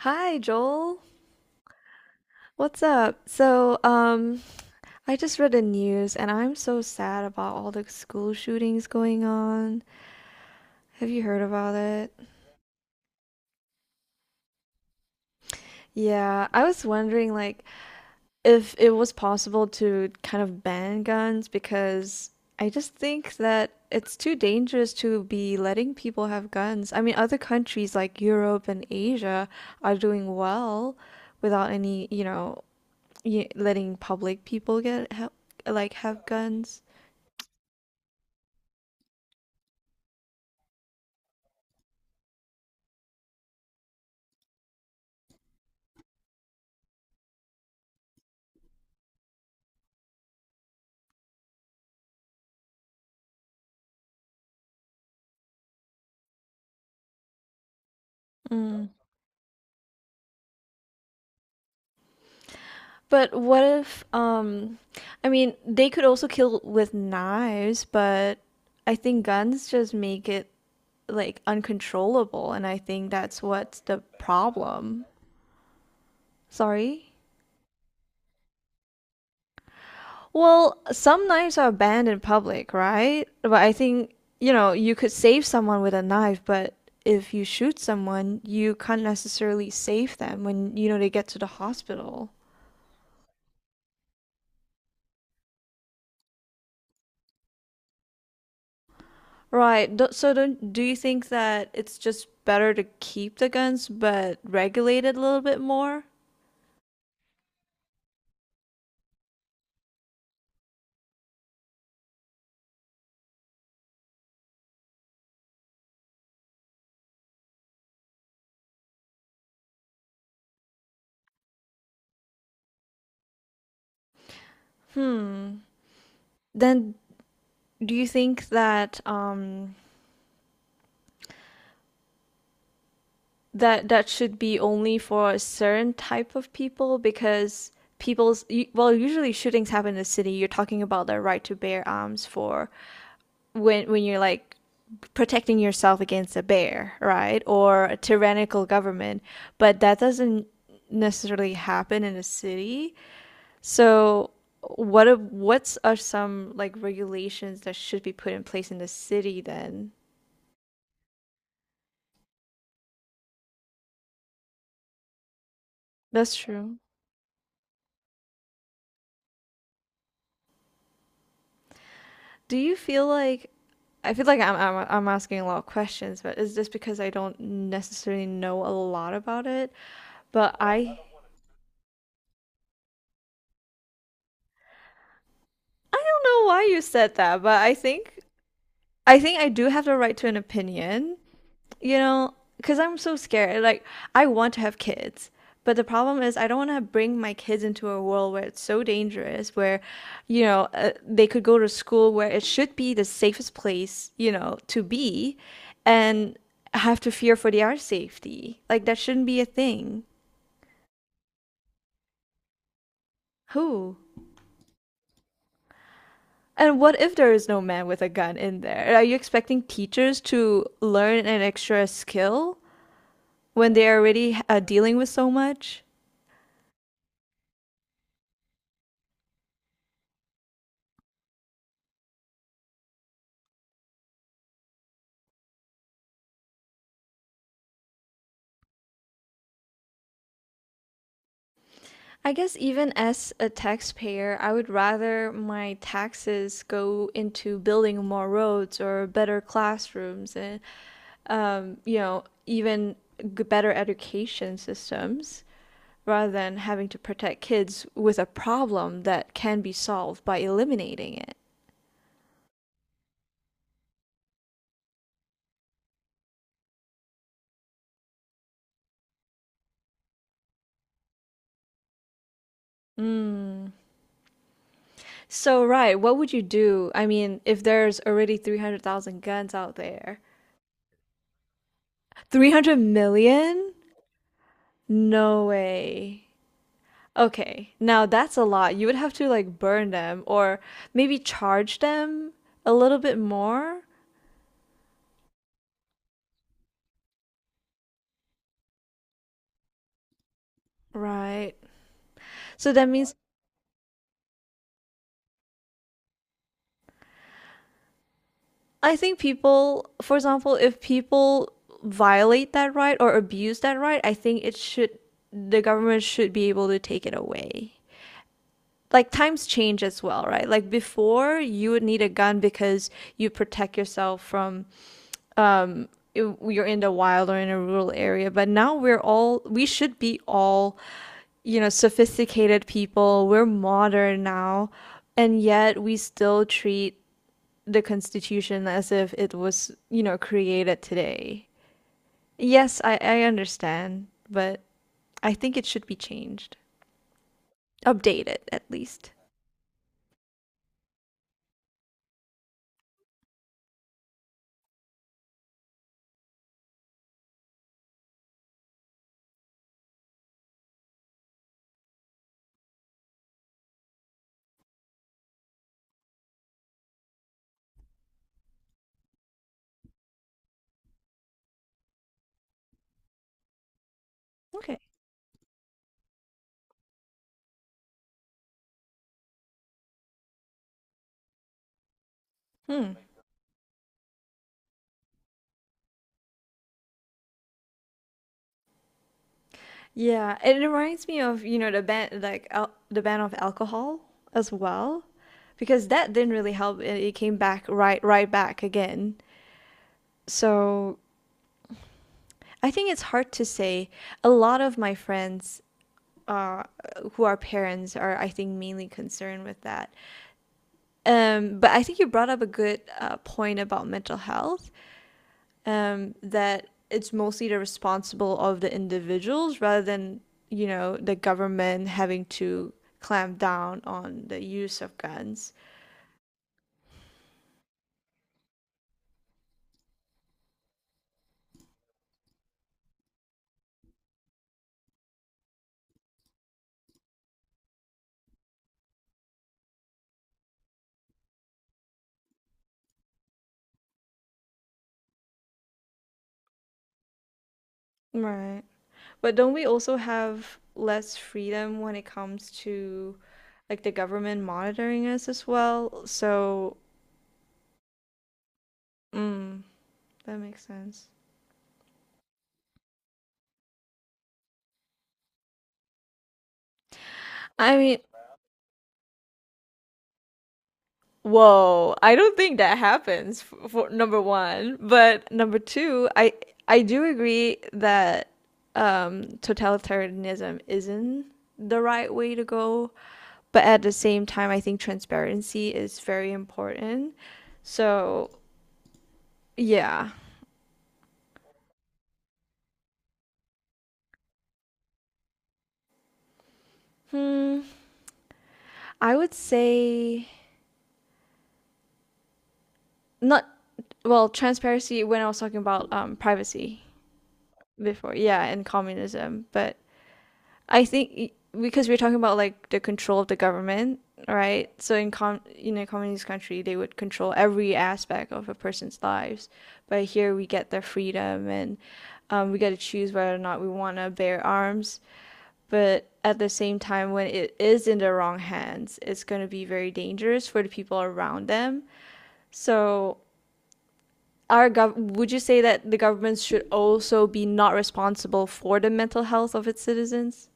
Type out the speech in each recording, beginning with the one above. Hi, Joel. What's up? So, I just read the news and I'm so sad about all the school shootings going on. Have you heard about it? Yeah, I was wondering like if it was possible to kind of ban guns because I just think that it's too dangerous to be letting people have guns. I mean, other countries like Europe and Asia are doing well without any letting public people like have guns. Mm. But what if I mean they could also kill with knives, but I think guns just make it like uncontrollable and I think that's what's the problem. Sorry? Well, some knives are banned in public, right? But I think, you could save someone with a knife, but if you shoot someone, you can't necessarily save them when they get to the hospital. Right. Do- So don't, do you think that it's just better to keep the guns but regulate it a little bit more? Hmm. Then do you think that that should be only for a certain type of people because well, usually shootings happen in the city. You're talking about the right to bear arms for when you're like protecting yourself against a bear, right? Or a tyrannical government. But that doesn't necessarily happen in a city. So, what's are some like regulations that should be put in place in the city then? That's true. Do you feel like I feel like I'm asking a lot of questions, but it's just because I don't necessarily know a lot about it. But I don't know why you said that, but I think I do have the right to an opinion. Because I'm so scared. Like, I want to have kids, but the problem is, I don't want to bring my kids into a world where it's so dangerous, where they could go to school where it should be the safest place to be and have to fear for their safety. Like, that shouldn't be a thing. Who? And what if there is no man with a gun in there? Are you expecting teachers to learn an extra skill when they're already dealing with so much? I guess even as a taxpayer, I would rather my taxes go into building more roads or better classrooms and even better education systems rather than having to protect kids with a problem that can be solved by eliminating it. Mm. So, right, what would you do? I mean, if there's already 300,000 guns out there, 300 million? No way. Okay, now that's a lot. You would have to like burn them or maybe charge them a little bit more, right? So that means I think people, for example, if people violate that right or abuse that right, I think it should. The government should be able to take it away. Like times change as well, right? Like before, you would need a gun because you protect yourself from um you're in the wild or in a rural area, but now we should be all sophisticated people, we're modern now, and yet we still treat the constitution as if it was created today. Yes, I understand, but I think it should be changed, updated at least. Okay. Hmm. Yeah, it reminds me of the ban like al the ban of alcohol as well, because that didn't really help. It came back right back again. So I think it's hard to say. A lot of my friends uh, who are parents are, I think, mainly concerned with that. But I think you brought up a good point about mental health, that it's mostly the responsible of the individuals rather than the government having to clamp down on the use of guns. Right. But don't we also have less freedom when it comes to like the government monitoring us as well? So, mm, that makes sense. I mean, whoa, I don't think that happens for number one. But number two, I do agree that totalitarianism isn't the right way to go. But at the same time, I think transparency is very important. So yeah, hmm, I would say not. Well, transparency when I was talking about privacy before, yeah, and communism, but I think because we're talking about like the control of the government, right? So in a communist country, they would control every aspect of a person's lives, but here we get their freedom, and we get to choose whether or not we want to bear arms. But at the same time, when it is in the wrong hands, it's going to be very dangerous for the people around them. So, would you say that the government should also be not responsible for the mental health of its citizens?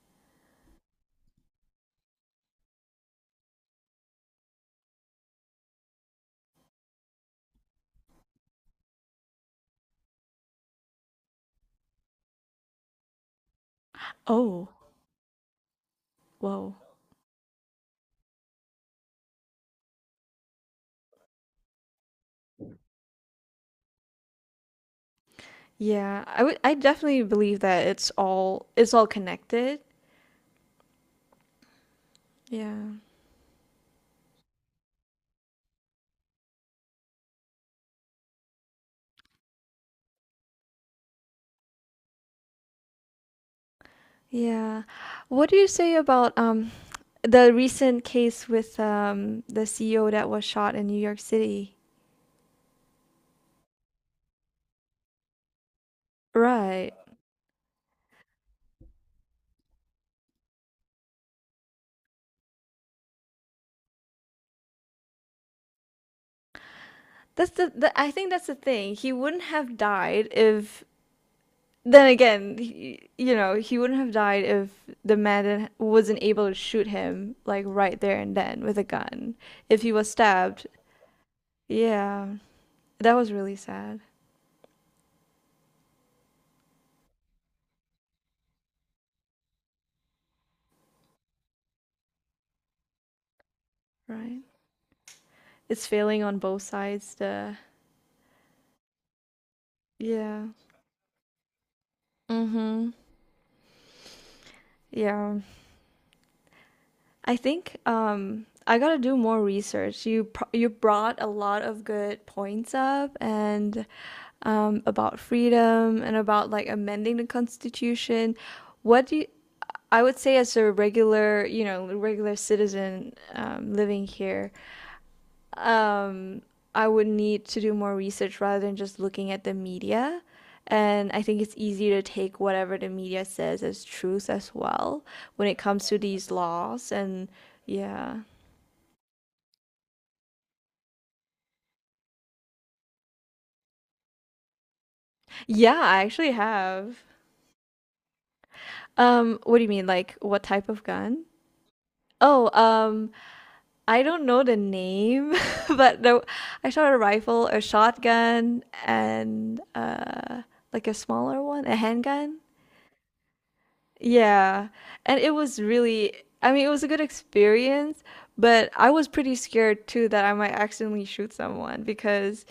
Oh. Whoa. Yeah, I definitely believe that it's all connected. Yeah. Yeah. What do you say about the recent case with the CEO that was shot in New York City? Right. That's the I think that's the thing. He wouldn't have died if Then again, he wouldn't have died if the man wasn't able to shoot him like right there and then with a gun. If he was stabbed. Yeah. That was really sad. Right. It's failing on both sides. The Yeah. Mm-hmm. Yeah. I think I gotta do more research. You brought a lot of good points up, and about freedom and about like amending the constitution. What do you, I would say as a regular citizen living here, um, I would need to do more research rather than just looking at the media. And I think it's easy to take whatever the media says as truth as well when it comes to these laws. And yeah. Yeah, I actually have. What do you mean? Like, what type of gun? Oh, I don't know the name, but no, I shot a rifle, a shotgun, and like a smaller one, a handgun. Yeah. And it was really, I mean, it was a good experience, but I was pretty scared too that I might accidentally shoot someone because,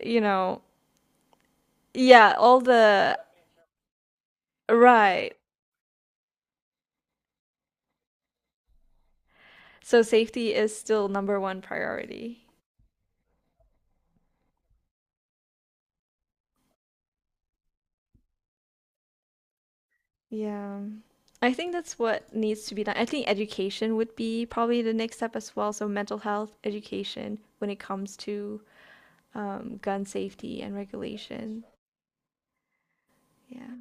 you know, yeah, right. So safety is still number one priority. Yeah. I think that's what needs to be done. I think education would be probably the next step as well. So mental health education when it comes to gun safety and regulation. Yeah.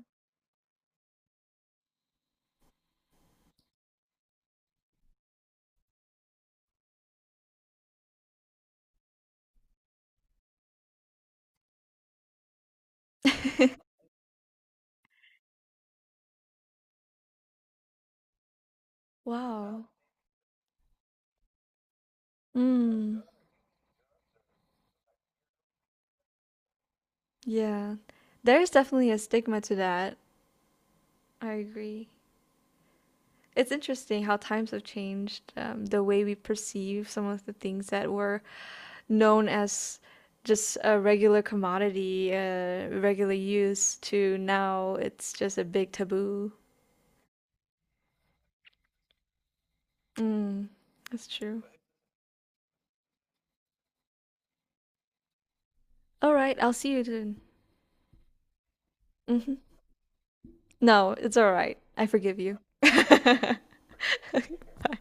Wow. Mm. Yeah. There's definitely a stigma to that. I agree. It's interesting how times have changed, the way we perceive some of the things that were known as just a regular commodity, regular use, to now it's just a big taboo. Mm, that's true. All right, I'll see you then. Hmm. No, it's all right. I forgive you. Bye.